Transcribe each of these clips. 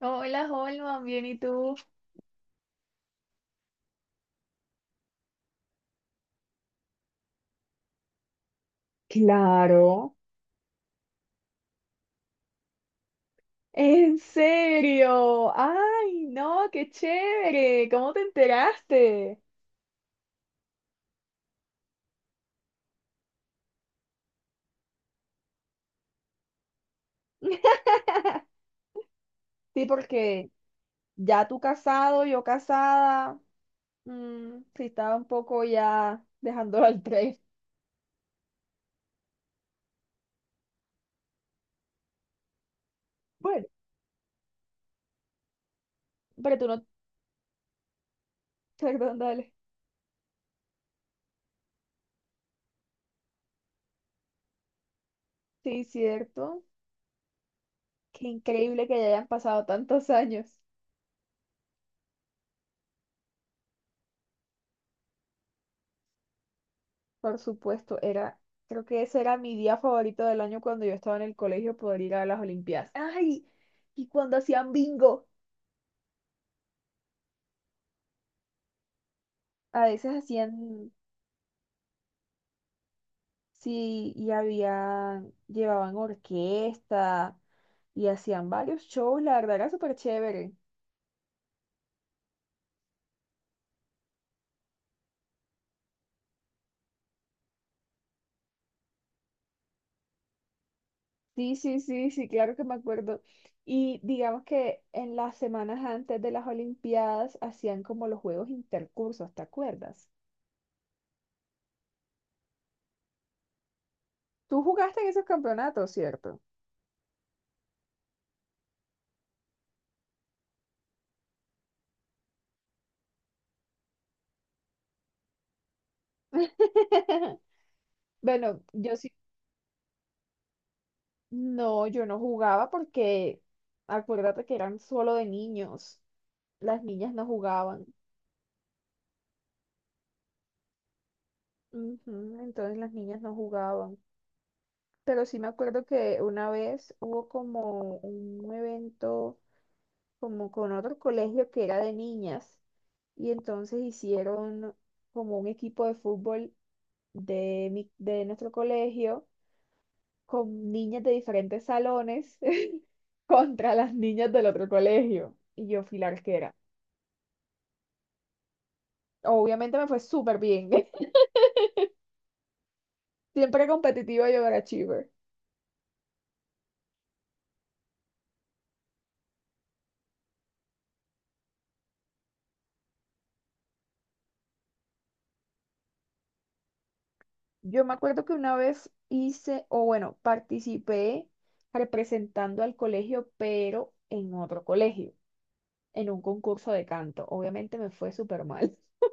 Hola, Holman, bien, ¿y tú? Claro. ¿En serio? ¡Ay, no! ¡Qué chévere! ¿Cómo te enteraste? Sí, porque ya tú casado, yo casada, mm, sí estaba un poco ya dejándolo al tren. Bueno, pero tú no. Perdón, dale. Sí, cierto. Qué increíble que ya hayan pasado tantos años. Por supuesto, era, creo que ese era mi día favorito del año cuando yo estaba en el colegio poder ir a las Olimpiadas. ¡Ay! Y cuando hacían bingo, a veces hacían, sí, y había, llevaban orquesta y hacían varios shows, la verdad era súper chévere. Sí, sí, sí, sí, claro que me acuerdo. Y digamos que en las semanas antes de las Olimpiadas hacían como los juegos intercursos, ¿te acuerdas? Tú jugaste en esos campeonatos, ¿cierto? Bueno, yo sí, no, yo no jugaba porque acuérdate que eran solo de niños. Las niñas no jugaban. Ujú, entonces las niñas no jugaban. Pero sí me acuerdo que una vez hubo como un evento como con otro colegio que era de niñas y entonces hicieron como un equipo de fútbol de, de nuestro colegio con niñas de diferentes salones contra las niñas del otro colegio. Y yo fui la arquera. Obviamente me fue súper bien. Siempre competitiva y overachiever. Yo me acuerdo que una vez hice, o bueno, participé representando al colegio, pero en otro colegio, en un concurso de canto. Obviamente me fue súper mal.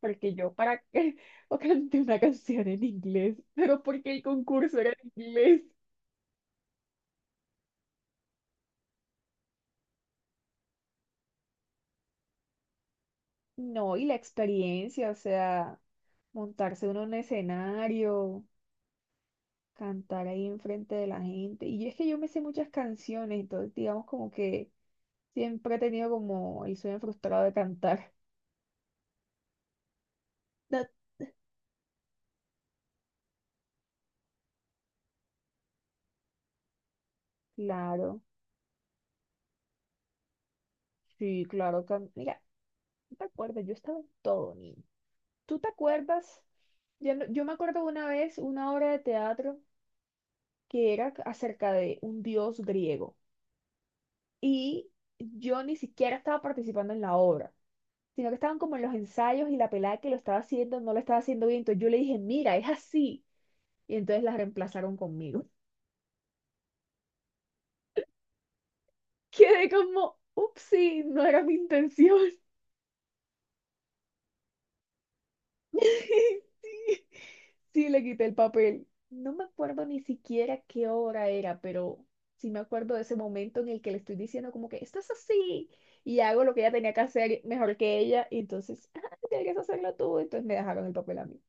Porque yo para qué o canté una canción en inglés, pero porque el concurso era en inglés. No, y la experiencia, o sea, montarse uno en un escenario, cantar ahí enfrente de la gente. Y es que yo me sé muchas canciones, entonces digamos como que siempre he tenido como el sueño frustrado de cantar. No, claro, sí, claro. Mira, ¿tú te acuerdas? Yo estaba en todo, niño. ¿Tú te acuerdas? Yo, no- Yo me acuerdo una vez una obra de teatro que era acerca de un dios griego y yo ni siquiera estaba participando en la obra, sino que estaban como en los ensayos y la pelada que lo estaba haciendo no lo estaba haciendo bien. Entonces yo le dije, mira, es así. Y entonces la reemplazaron conmigo. Quedé como, upsí, no era mi intención. Sí, sí, le quité el papel. No me acuerdo ni siquiera qué hora era, pero sí me acuerdo de ese momento en el que le estoy diciendo como que esto es así y hago lo que ella tenía que hacer mejor que ella y entonces, ah, tienes que hacerlo tú, entonces me dejaron el papel a mí.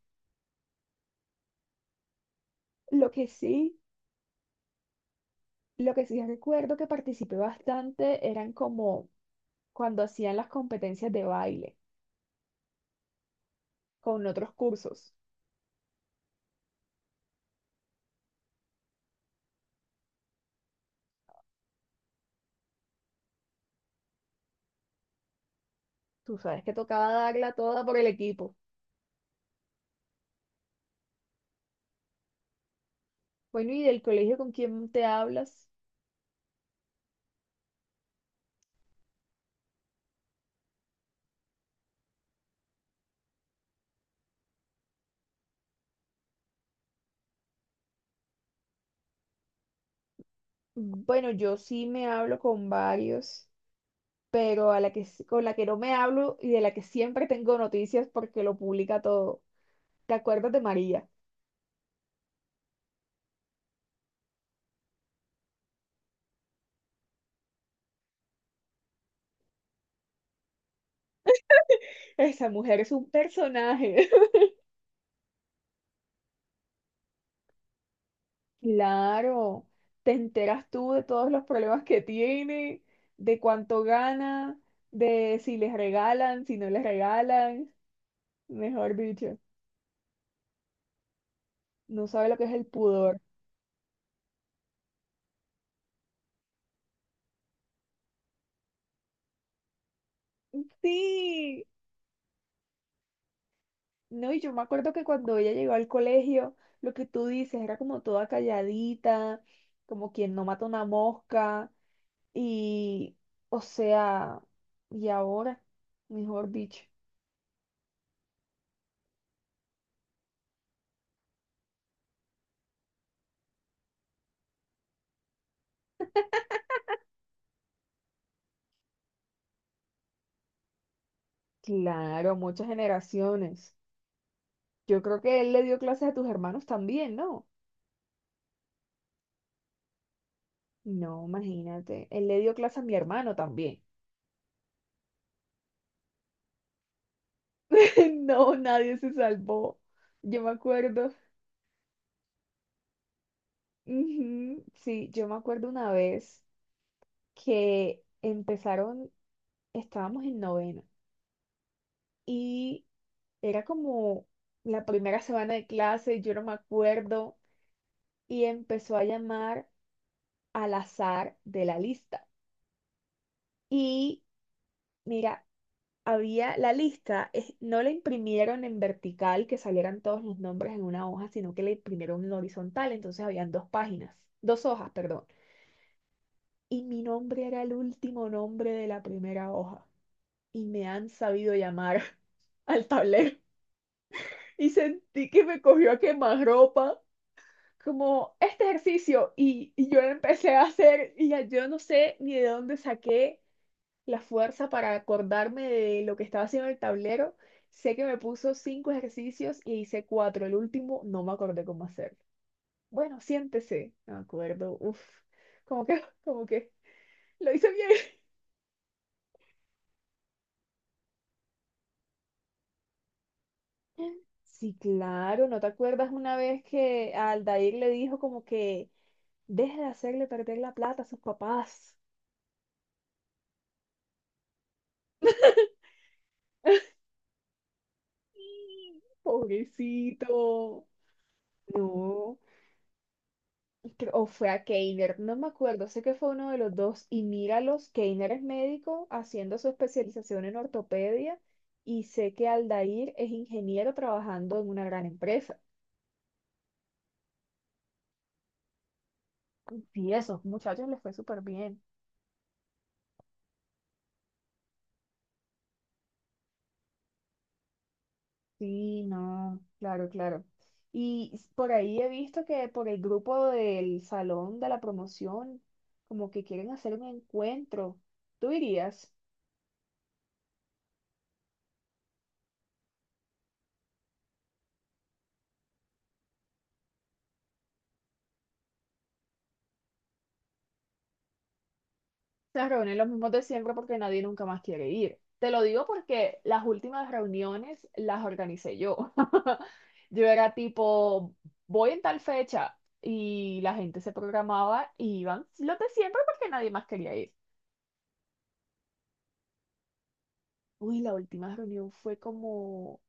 Lo que sí Lo que sí recuerdo que participé bastante eran como cuando hacían las competencias de baile con otros cursos. Tú sabes que tocaba darla toda por el equipo. Bueno, ¿y del colegio con quién te hablas? Bueno, yo sí me hablo con varios, pero a la que, con la que no me hablo y de la que siempre tengo noticias porque lo publica todo. ¿Te acuerdas de María? Esa mujer es un personaje. Claro, te enteras tú de todos los problemas que tiene, de cuánto gana, de si les regalan, si no les regalan, mejor dicho, no sabe lo que es el pudor. Sí, no, y yo me acuerdo que cuando ella llegó al colegio, lo que tú dices era como toda calladita, como quien no mata una mosca, y, o sea, y ahora, mejor dicho, claro, muchas generaciones. Yo creo que él le dio clases a tus hermanos también, ¿no? No, imagínate. Él le dio clases a mi hermano también. No, nadie se salvó. Yo me acuerdo. Ujú, sí, yo me acuerdo una vez que empezaron, estábamos en novena y era como la primera semana de clase, yo no me acuerdo, y empezó a llamar al azar de la lista. Y mira, había la lista, no la imprimieron en vertical que salieran todos los nombres en una hoja, sino que la imprimieron en horizontal, entonces habían dos páginas, dos hojas, perdón. Y mi nombre era el último nombre de la primera hoja. Y me han sabido llamar al tablero. Y sentí que me cogió a quemarropa, como este ejercicio. Y yo lo empecé a hacer y ya yo no sé ni de dónde saqué la fuerza para acordarme de lo que estaba haciendo en el tablero. Sé que me puso 5 ejercicios y hice 4. El último no me acordé cómo hacerlo. Bueno, siéntese. No me acuerdo. Uf, como que, como que lo hice bien. Sí, claro, ¿no te acuerdas una vez que a Aldair le dijo como que deje de hacerle perder la plata a sus papás? Pobrecito. No. O fue a Keiner, no me acuerdo, sé que fue uno de los dos, y míralos, Keiner es médico haciendo su especialización en ortopedia, y sé que Aldair es ingeniero trabajando en una gran empresa. Y esos muchachos les fue súper bien. Sí, no, claro, claro. Y por ahí he visto que por el grupo del salón de la promoción, como que quieren hacer un encuentro. ¿Tú irías? Se reúnen los mismos de siempre porque nadie nunca más quiere ir. Te lo digo porque las últimas reuniones las organicé yo. Yo era tipo, voy en tal fecha y la gente se programaba y iban los de siempre porque nadie más quería ir. Uy, la última reunión fue como,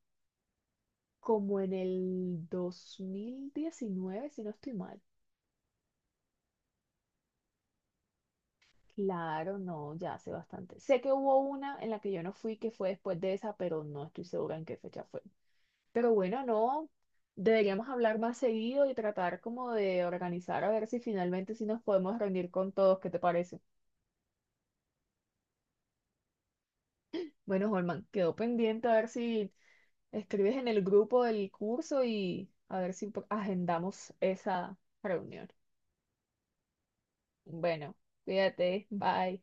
como en el 2019, si no estoy mal. Claro, no, ya hace bastante. Sé que hubo una en la que yo no fui, que fue después de esa, pero no estoy segura en qué fecha fue. Pero bueno, no, deberíamos hablar más seguido y tratar como de organizar a ver si finalmente sí nos podemos reunir con todos, ¿qué te parece? Bueno, Holman, quedó pendiente a ver si escribes en el grupo del curso y a ver si agendamos esa reunión. Bueno, cuídate, bye.